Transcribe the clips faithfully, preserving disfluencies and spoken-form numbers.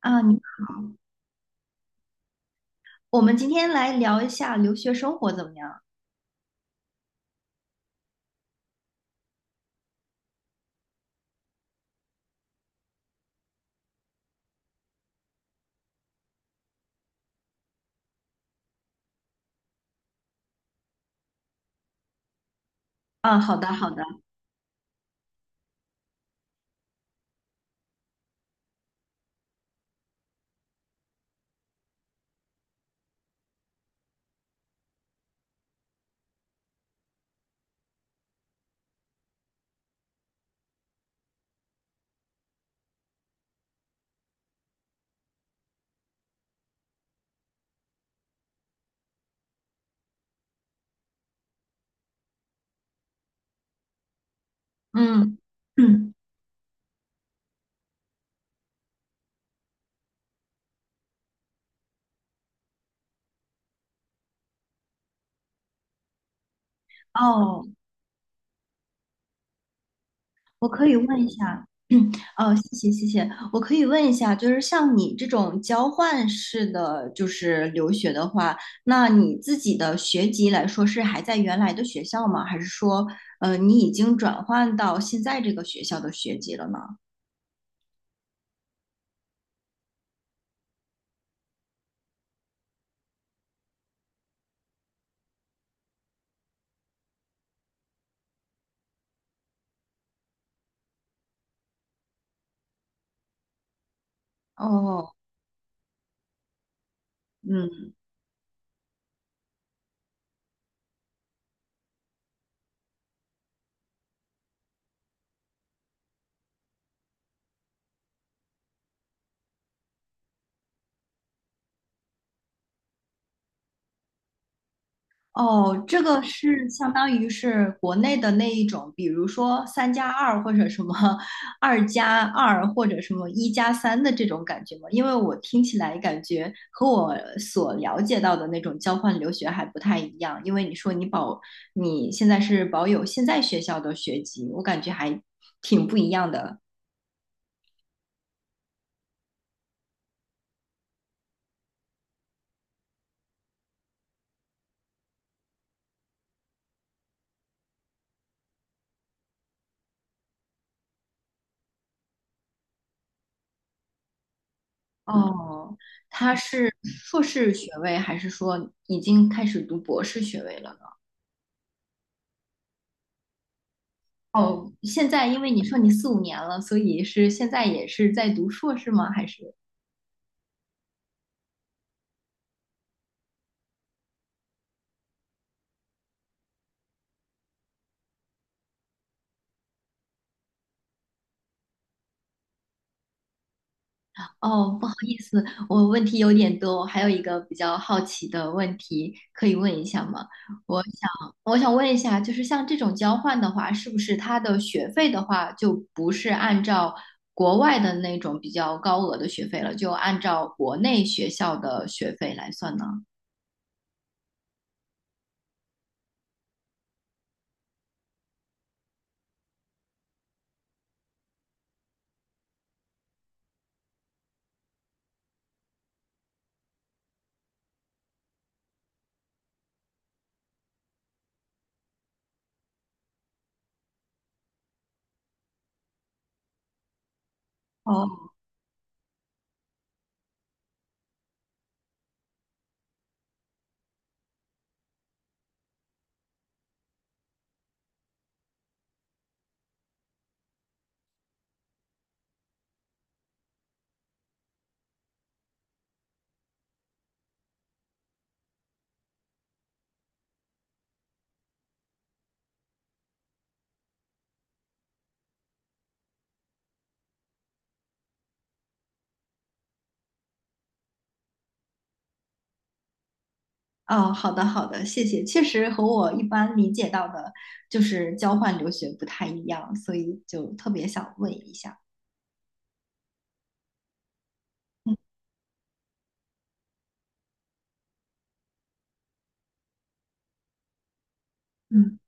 啊，你好，我们今天来聊一下留学生活怎么样？啊，好的，好的。嗯嗯。哦，我可以问一下，嗯，哦，谢谢谢谢，我可以问一下，就是像你这种交换式的就是留学的话，那你自己的学籍来说是还在原来的学校吗？还是说，呃，你已经转换到现在这个学校的学籍了呢？哦。嗯。哦，这个是相当于是国内的那一种，比如说三加二或者什么二加二或者什么一加三的这种感觉吗？因为我听起来感觉和我所了解到的那种交换留学还不太一样。因为你说你保，你现在是保有现在学校的学籍，我感觉还挺不一样的。哦，他是硕士学位还是说已经开始读博士学位了？哦，现在因为你说你四五年了，所以是现在也是在读硕士吗？还是？哦，不好意思，我问题有点多，我还有一个比较好奇的问题可以问一下吗？我想，我想问一下，就是像这种交换的话，是不是它的学费的话，就不是按照国外的那种比较高额的学费了，就按照国内学校的学费来算呢？哦。哦，好的好的，谢谢。确实和我一般理解到的，就是交换留学不太一样，所以就特别想问一下。嗯。嗯。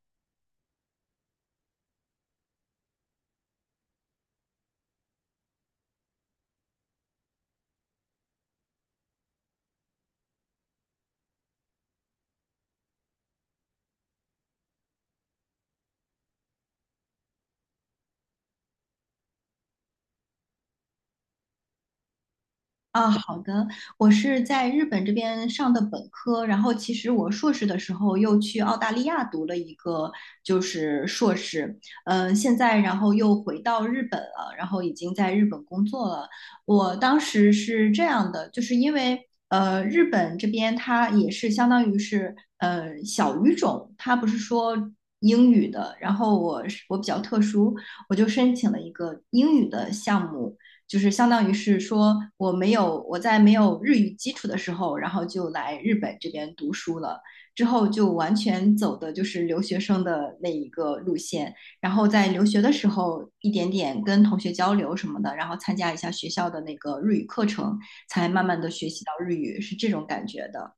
啊，好的，我是在日本这边上的本科，然后其实我硕士的时候又去澳大利亚读了一个就是硕士。嗯、现在然后又回到日本了，然后已经在日本工作了。我当时是这样的，就是因为呃，日本这边它也是相当于是呃小语种，它不是说英语的，然后我是我比较特殊，我就申请了一个英语的项目。就是相当于是说我没有我在没有日语基础的时候，然后就来日本这边读书了，之后就完全走的就是留学生的那一个路线，然后在留学的时候一点点跟同学交流什么的，然后参加一下学校的那个日语课程，才慢慢的学习到日语，是这种感觉的。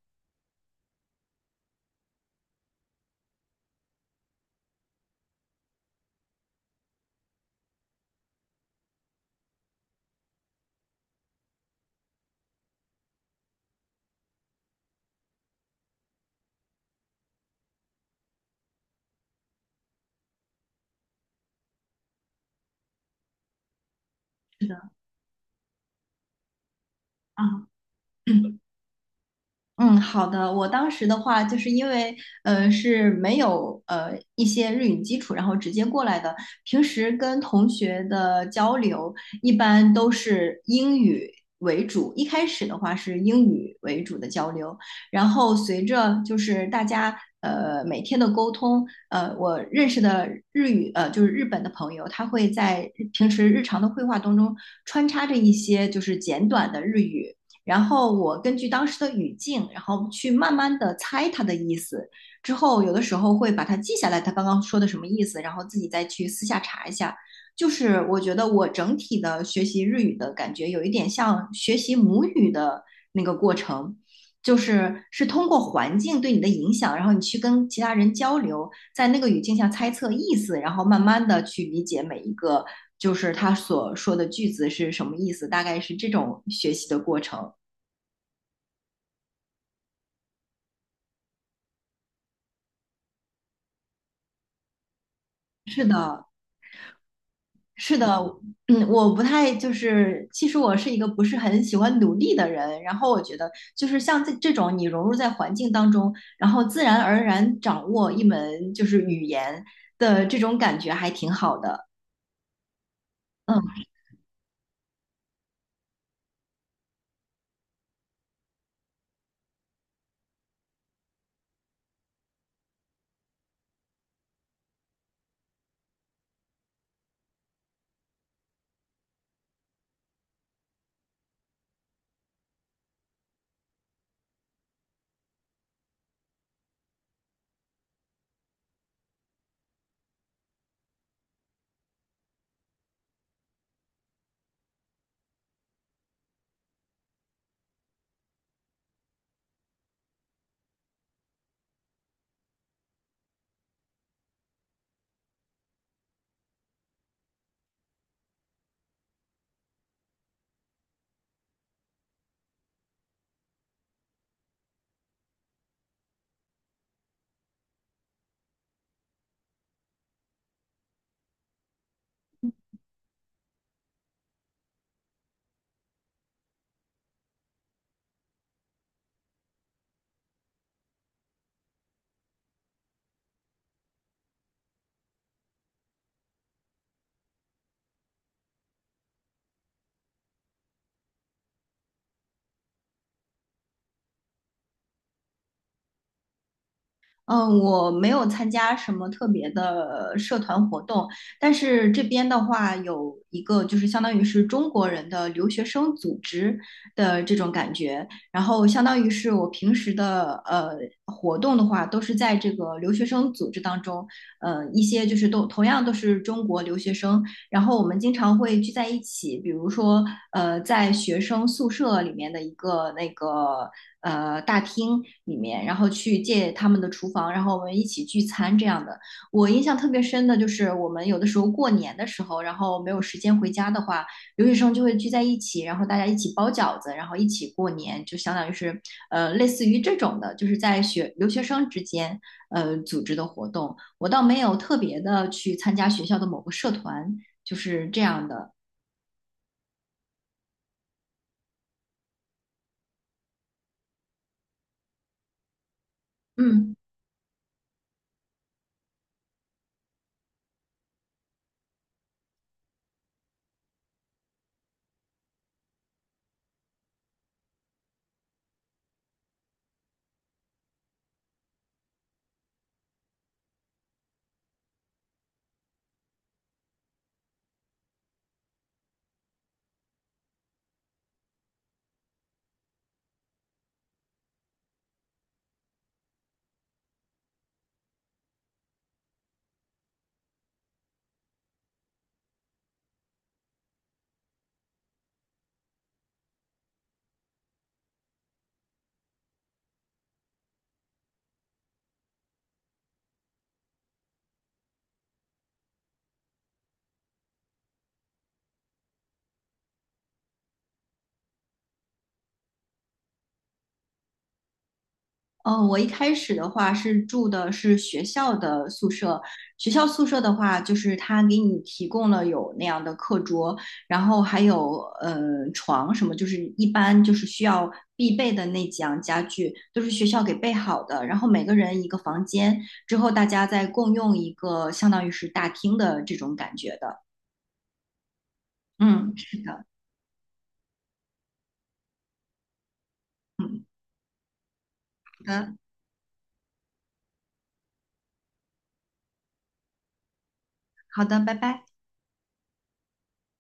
是的。啊，嗯，好的。我当时的话，就是因为呃是没有呃一些日语基础，然后直接过来的。平时跟同学的交流一般都是英语为主，一开始的话是英语为主的交流，然后随着就是大家呃每天的沟通，呃我认识的日语呃就是日本的朋友，他会在平时日常的绘画当中穿插着一些就是简短的日语。然后我根据当时的语境，然后去慢慢的猜它的意思。之后有的时候会把它记下来，他刚刚说的什么意思，然后自己再去私下查一下。就是我觉得我整体的学习日语的感觉有一点像学习母语的那个过程，就是是通过环境对你的影响，然后你去跟其他人交流，在那个语境下猜测意思，然后慢慢的去理解每一个就是他所说的句子是什么意思，大概是这种学习的过程。是的，是的。嗯，我不太就是，其实我是一个不是很喜欢努力的人。然后我觉得，就是像这这种你融入在环境当中，然后自然而然掌握一门就是语言的这种感觉，还挺好的。嗯。嗯，我没有参加什么特别的社团活动，但是这边的话有一个就是相当于是中国人的留学生组织的这种感觉，然后相当于是我平时的呃活动的话，都是在这个留学生组织当中，呃一些就是都同样都是中国留学生，然后我们经常会聚在一起，比如说呃在学生宿舍里面的一个那个。呃大厅里面，然后去借他们的厨房，然后我们一起聚餐这样的。我印象特别深的就是我们有的时候过年的时候，然后没有时间回家的话，留学生就会聚在一起，然后大家一起包饺子，然后一起过年，就相当于是呃类似于这种的，就是在学留学生之间呃组织的活动。我倒没有特别的去参加学校的某个社团，就是这样的。嗯。嗯，我一开始的话是住的是学校的宿舍，学校宿舍的话，就是他给你提供了有那样的课桌，然后还有呃床什么，就是一般就是需要必备的那几样家具都是学校给备好的，然后每个人一个房间，之后大家再共用一个相当于是大厅的这种感觉的。嗯，是的。嗯，好的，好的，拜拜。